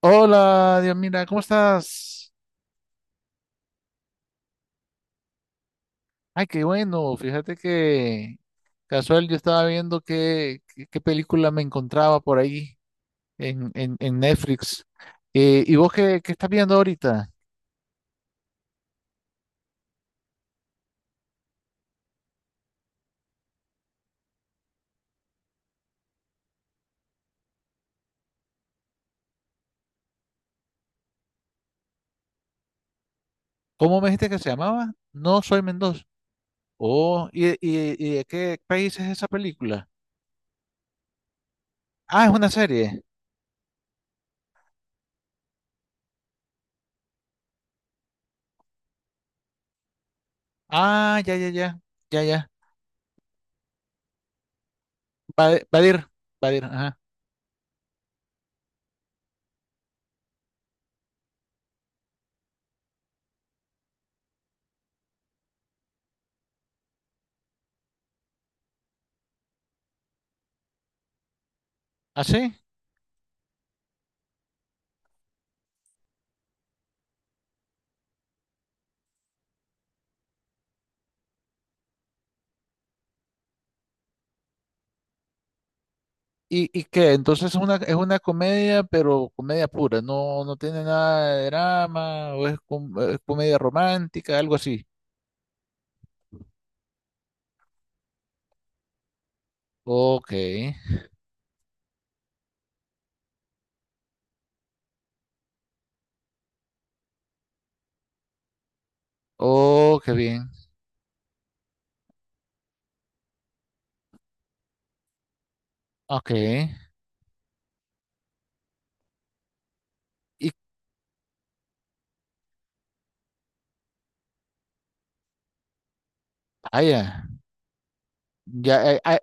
Hola, Dios, mira, ¿cómo estás? Ay, qué bueno. Fíjate que casual yo estaba viendo qué película me encontraba por ahí en Netflix. ¿Y vos qué estás viendo ahorita? ¿Cómo me dijiste que se llamaba? No soy Mendoza. Oh, ¿y de qué país es esa película? Ah, es una serie. Ah, ya. Badir, ajá. ¿Ah, sí? Y qué? Entonces es una comedia, pero comedia pura, no, no tiene nada de drama, es comedia romántica, algo así. Ok, oh, qué bien, ok. Y vaya, ya,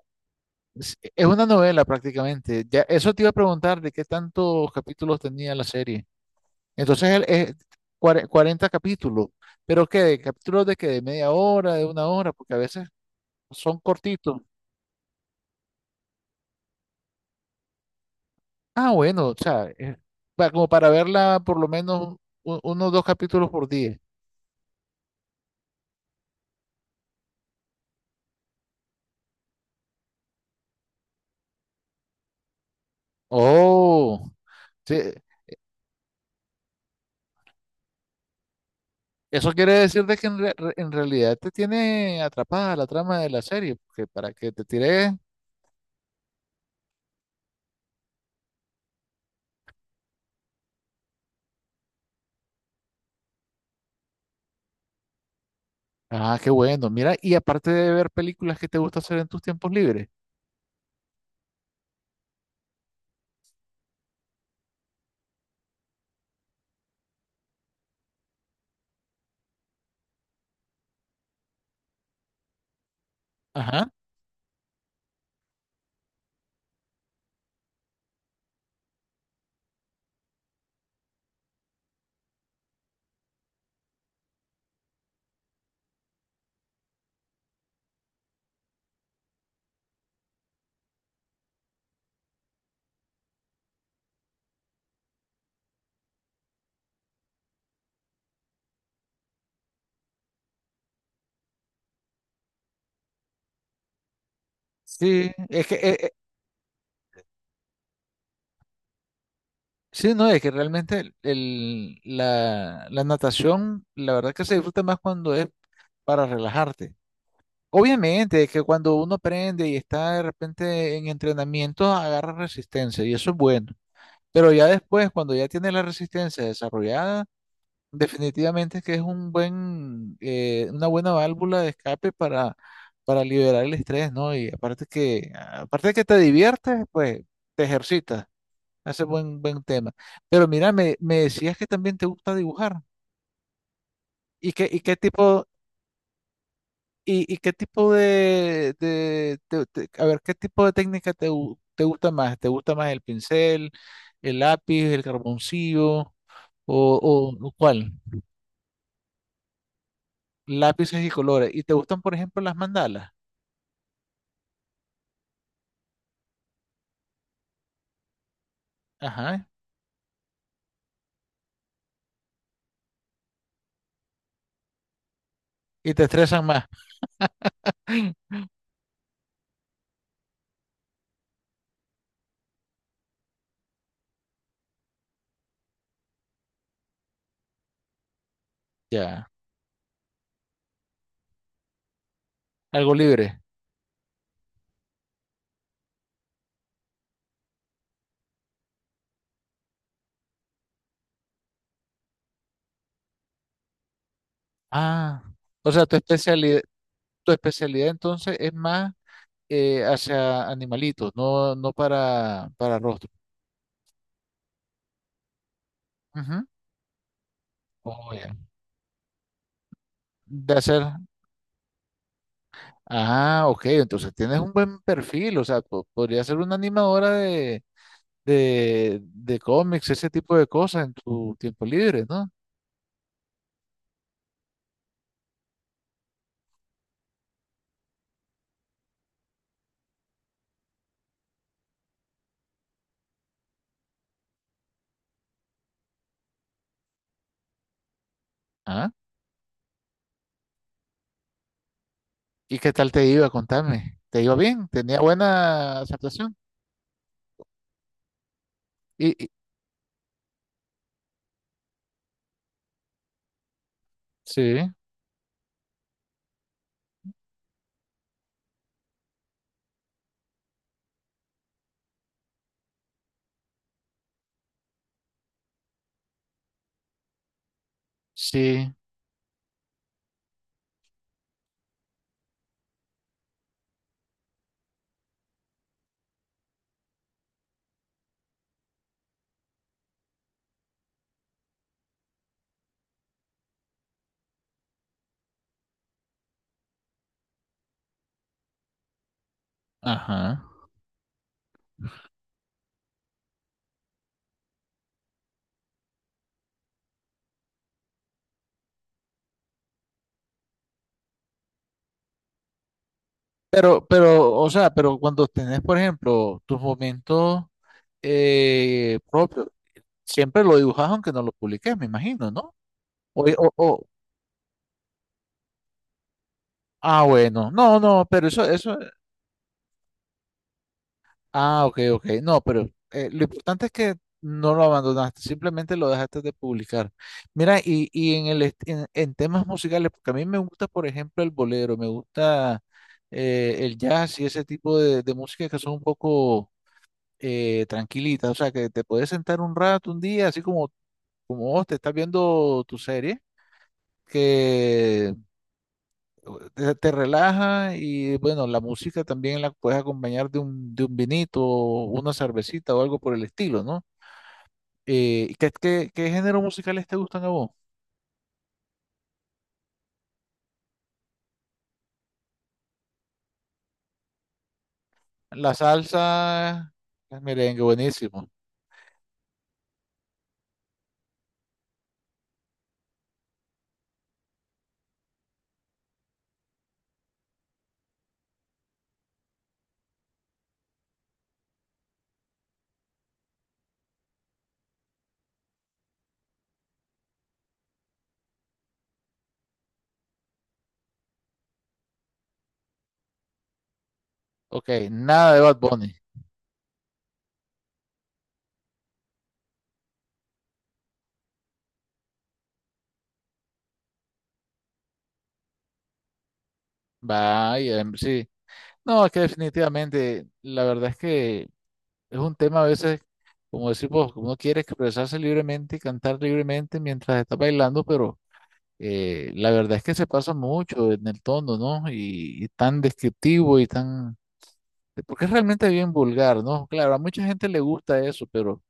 es una novela prácticamente. Ya, eso te iba a preguntar de qué tantos capítulos tenía la serie. Entonces el- es 40 capítulos, pero qué, ¿De capítulos de qué, de media hora, de una hora, porque a veces son cortitos. Ah, bueno, o sea, como para verla por lo menos uno o dos capítulos por día. Oh, sí, eso quiere decir de que en realidad te tiene atrapada la trama de la serie, porque para que te tires. Ah, qué bueno, mira, y aparte de ver películas que te gusta hacer en tus tiempos libres. Ajá. Sí, es que, sí, no, es que realmente la natación, la verdad que se disfruta más cuando es para relajarte. Obviamente, que cuando uno aprende y está de repente en entrenamiento, agarra resistencia y eso es bueno. Pero ya después, cuando ya tiene la resistencia desarrollada, definitivamente es que es un buen, una buena válvula de escape para liberar el estrés, ¿no? Y aparte que, aparte de que te diviertes, pues te ejercitas. Ese es buen tema. Pero mira, me decías que también te gusta dibujar. Y qué tipo, ¿Y qué tipo de, a ver, qué tipo de técnica te gusta más? ¿Te gusta más el pincel, el lápiz, el carboncillo o cuál? Lápices y colores. ¿Y te gustan, por ejemplo, las mandalas? Ajá. ¿Y te estresan más? Ya. Algo libre. Ah. O sea, tu especialidad entonces es más hacia animalitos, no, no para, para rostro. Ujú. Oh, ya. De hacer. Ah, ok, entonces tienes un buen perfil, o sea, podría ser una animadora de cómics, ese tipo de cosas en tu tiempo libre, ¿no? Ah, ¿y qué tal te iba? Contame. ¿Te iba bien? ¿Tenía buena aceptación? Y, y- sí, sí, ajá. Pero, o sea, pero cuando tenés, por ejemplo, tus momentos propios, siempre lo dibujas aunque no lo publiques, me imagino, ¿no? O, o, o- ah, bueno, no, no, pero eso, eso. Ah, ok, ok. No, pero lo importante es que no lo abandonaste, simplemente lo dejaste de publicar. Mira, y en el est- en temas musicales, porque a mí me gusta, por ejemplo, el bolero, me gusta el jazz y ese tipo de música que son un poco tranquilitas, o sea, que te puedes sentar un rato, un día, así como, como vos te estás viendo tu serie, te relaja y bueno, la música también la puedes acompañar de un vinito, o una cervecita o algo por el estilo, ¿no? ¿Qué géneros musicales te gustan a vos? La salsa, el merengue, buenísimo. Ok, nada de Bad Bunny. Vaya, em, sí. No, es que definitivamente, la verdad es que es un tema a veces, como decimos, uno quiere expresarse libremente y cantar libremente mientras está bailando, pero la verdad es que se pasa mucho en el tono, ¿no? Y tan descriptivo y tan... Porque es realmente bien vulgar, ¿no? Claro, a mucha gente le gusta eso, pero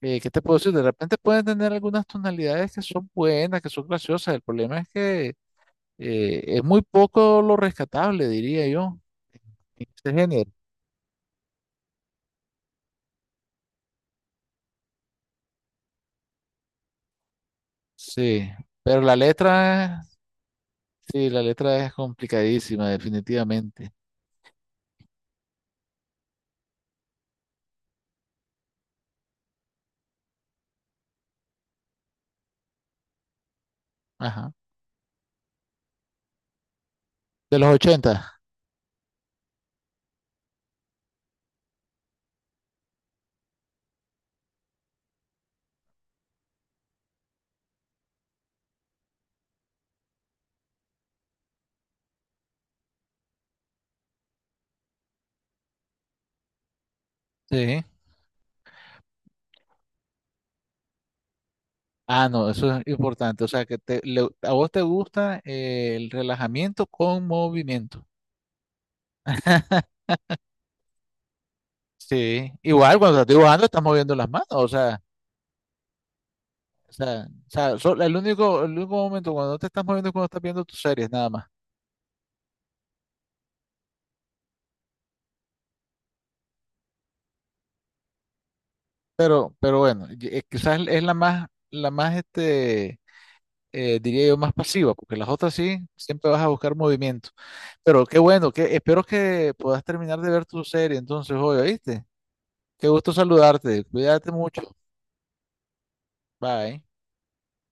¿qué te puedo decir? De repente pueden tener algunas tonalidades que son buenas, que son graciosas. El problema es que es muy poco lo rescatable, diría yo, en este género. Sí, pero la letra, sí, la letra es complicadísima, definitivamente. Ajá. De los 80. Sí. Ah, no, eso es importante. O sea, que a vos te gusta el relajamiento con movimiento. Sí, igual cuando estás dibujando estás moviendo las manos, o sea, el único momento cuando no te estás moviendo es cuando estás viendo tus series nada más. Pero bueno, quizás es la más este, diría yo, más pasiva, porque las otras sí, siempre vas a buscar movimiento. Pero qué bueno, que espero que puedas terminar de ver tu serie entonces hoy, ¿oíste? Qué gusto saludarte, cuídate mucho. Bye.